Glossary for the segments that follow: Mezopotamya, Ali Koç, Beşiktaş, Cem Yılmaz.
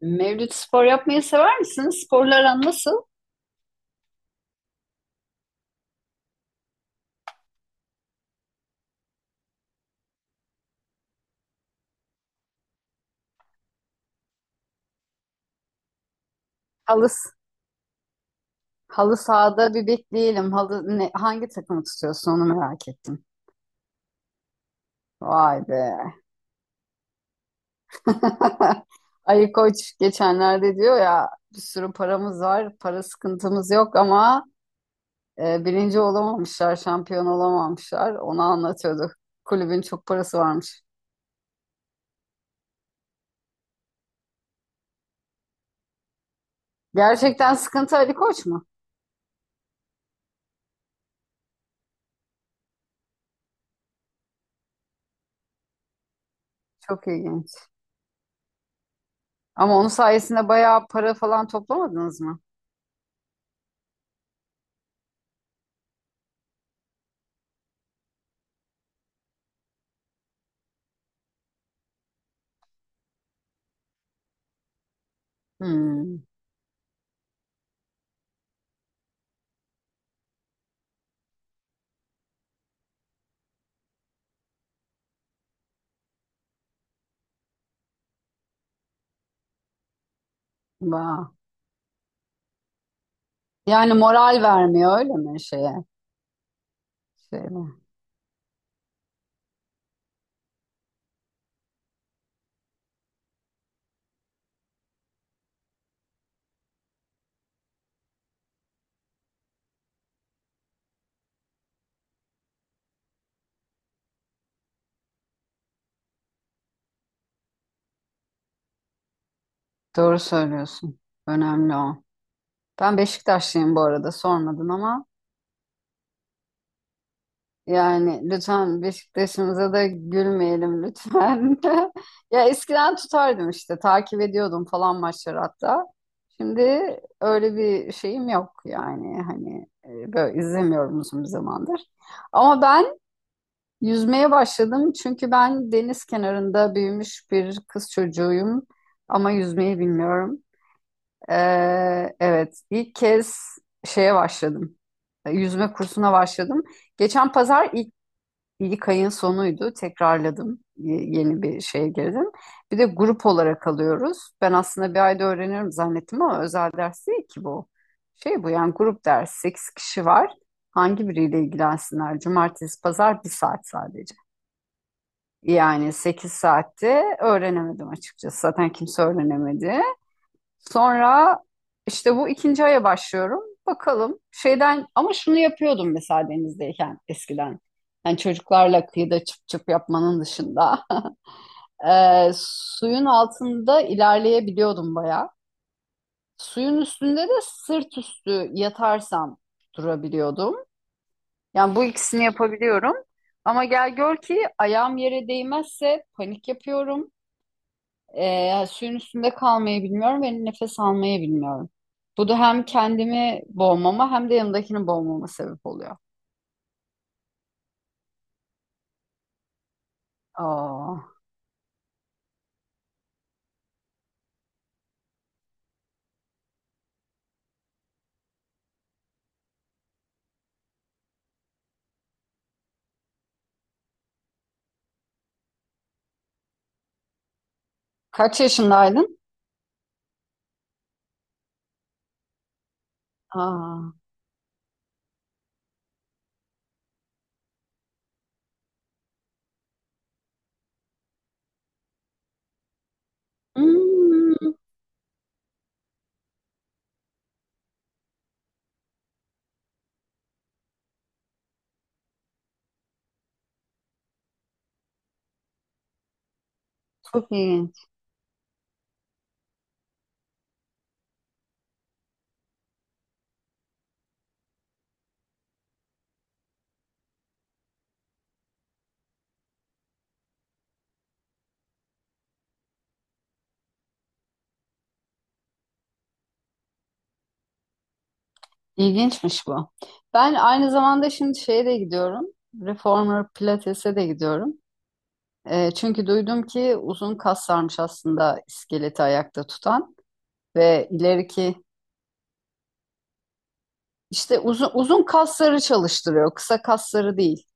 Mevlüt spor yapmayı sever misin? Sporlar aran nasıl? Halı, halı sahada bir bekleyelim. Hangi takımı tutuyorsun onu merak ettim. Vay be. Ali Koç geçenlerde diyor ya bir sürü paramız var, para sıkıntımız yok ama birinci olamamışlar, şampiyon olamamışlar. Onu anlatıyordu. Kulübün çok parası varmış. Gerçekten sıkıntı Ali Koç mu? Çok ilginç. Ama onun sayesinde bayağı para falan toplamadınız mı? Hmm. Vay. Yani moral vermiyor öyle mi şeye? Şeye mi? Doğru söylüyorsun. Önemli o. Ben Beşiktaşlıyım bu arada sormadın ama yani lütfen Beşiktaş'ımıza da gülmeyelim lütfen. Ya eskiden tutardım işte takip ediyordum falan maçları hatta. Şimdi öyle bir şeyim yok yani hani böyle izlemiyorum uzun bir zamandır. Ama ben yüzmeye başladım çünkü ben deniz kenarında büyümüş bir kız çocuğuyum ama yüzmeyi bilmiyorum. Ee, evet, ilk kez şeye başladım, yüzme kursuna başladım. Geçen pazar ilk, ilk ayın sonuydu, tekrarladım, yeni bir şeye girdim. Bir de grup olarak alıyoruz. Ben aslında bir ayda öğrenirim zannettim ama özel ders değil ki bu. Şey bu yani grup ders, 8 kişi var. Hangi biriyle ilgilensinler? Cumartesi, pazar bir saat sadece. Yani 8 saatte öğrenemedim açıkçası. Zaten kimse öğrenemedi. Sonra işte bu ikinci aya başlıyorum. Bakalım şeyden ama şunu yapıyordum mesela denizdeyken eskiden. Yani çocuklarla kıyıda çıp çıp yapmanın dışında. Suyun altında ilerleyebiliyordum bayağı. Suyun üstünde de sırt üstü yatarsam durabiliyordum. Yani bu ikisini yapabiliyorum. Ama gel gör ki ayağım yere değmezse panik yapıyorum. Yani suyun üstünde kalmayı bilmiyorum ve nefes almayı bilmiyorum. Bu da hem kendimi boğmama hem de yanındakini boğmama sebep oluyor. Aa, kaç yaşındaydın? Aa, hmm, çok ilginç. İlginçmiş bu. Ben aynı zamanda şimdi şeye de gidiyorum. Reformer Pilates'e de gidiyorum. Çünkü duydum ki uzun kaslarmış aslında iskeleti ayakta tutan ve ileriki işte uzun kasları çalıştırıyor, kısa kasları değil.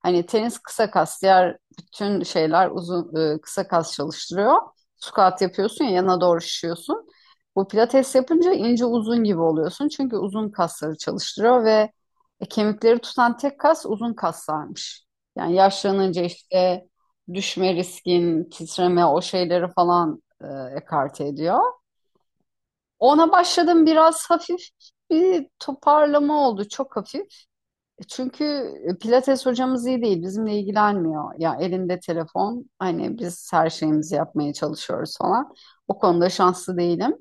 Hani tenis kısa kas, diğer bütün şeyler uzun kısa kas çalıştırıyor. Squat yapıyorsun ya yana doğru şişiyorsun. Bu pilates yapınca ince uzun gibi oluyorsun. Çünkü uzun kasları çalıştırıyor ve kemikleri tutan tek kas uzun kaslarmış. Yani yaşlanınca işte düşme riskin, titreme o şeyleri falan, ekarte ediyor. Ona başladım biraz hafif bir toparlama oldu çok hafif. Çünkü Pilates hocamız iyi değil, bizimle ilgilenmiyor. Ya elinde telefon, hani biz her şeyimizi yapmaya çalışıyoruz falan. O konuda şanslı değilim.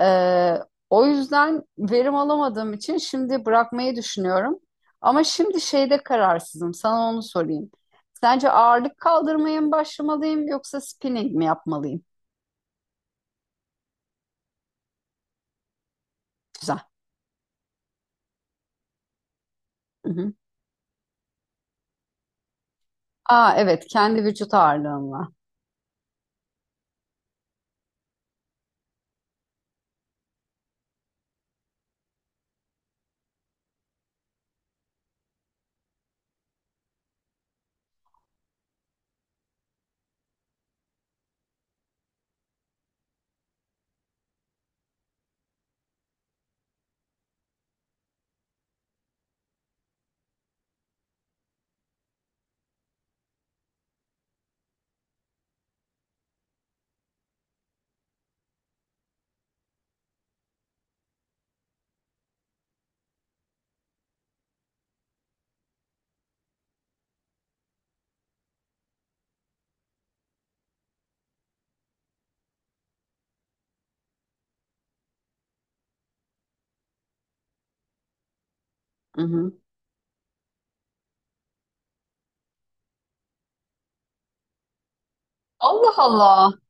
Ee, o yüzden verim alamadığım için şimdi bırakmayı düşünüyorum. Ama şimdi şeyde kararsızım, sana onu sorayım. Sence ağırlık kaldırmaya mı başlamalıyım yoksa spinning mi yapmalıyım? Güzel. Hı hı. Aa evet, kendi vücut ağırlığımla. Hı hı. Allah Allah.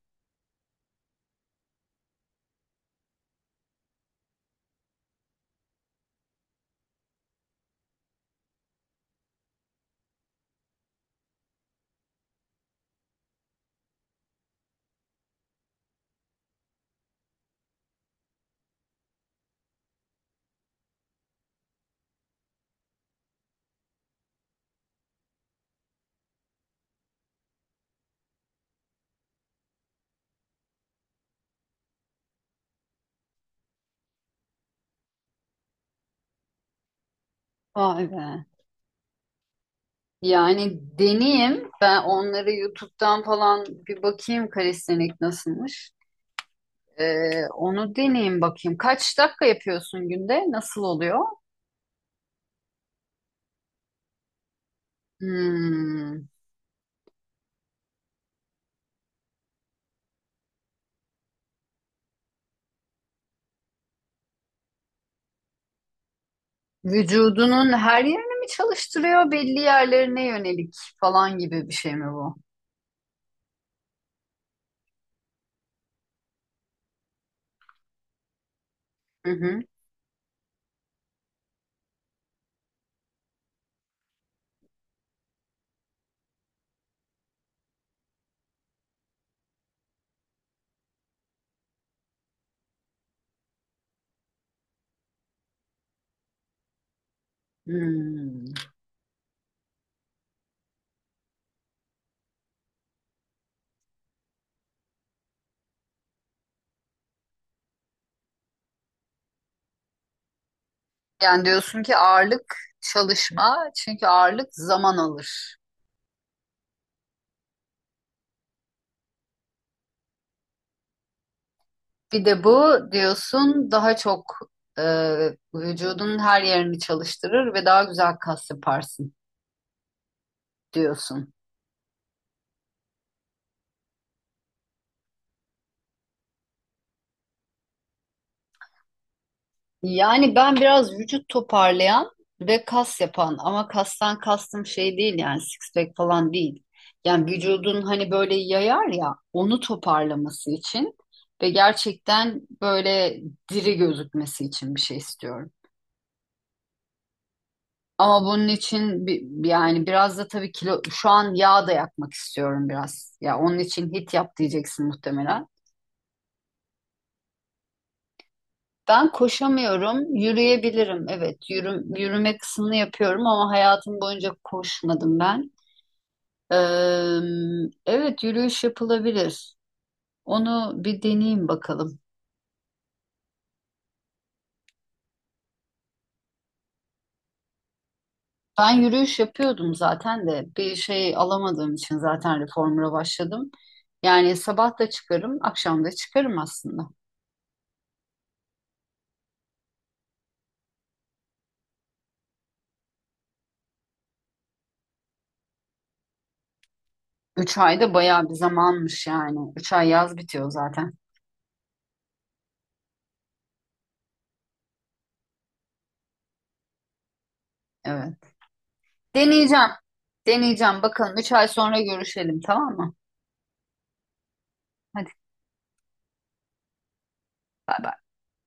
Vay be. Yani deneyeyim. Ben onları YouTube'dan falan bir bakayım kalistenik nasılmış. Onu deneyeyim bakayım. Kaç dakika yapıyorsun günde? Nasıl oluyor? Hmm. Vücudunun her yerini mi çalıştırıyor? Belli yerlerine yönelik falan gibi bir şey mi bu? Hı hı. Hmm. Yani diyorsun ki ağırlık çalışma çünkü ağırlık zaman alır. Bir de bu diyorsun daha çok e, vücudun her yerini çalıştırır ve daha güzel kas yaparsın diyorsun. Yani ben biraz vücut toparlayan ve kas yapan ama kastan kastım şey değil yani six pack falan değil. Yani vücudun hani böyle yayar ya onu toparlaması için ve gerçekten böyle diri gözükmesi için bir şey istiyorum. Ama bunun için yani biraz da tabii kilo şu an yağ da yakmak istiyorum biraz. Ya onun için hit yap diyeceksin muhtemelen. Ben koşamıyorum, yürüyebilirim. Evet, yürü, yürüme kısmını yapıyorum ama hayatım boyunca koşmadım ben. Eee, evet, yürüyüş yapılabilir. Onu bir deneyeyim bakalım. Ben yürüyüş yapıyordum zaten de bir şey alamadığım için zaten reformer'a başladım. Yani sabah da çıkarım, akşam da çıkarım aslında. 3 ayda bayağı bir zamanmış yani. 3 ay yaz bitiyor zaten. Evet. Deneyeceğim. Deneyeceğim. Bakalım 3 ay sonra görüşelim tamam mı? Hadi bay bay.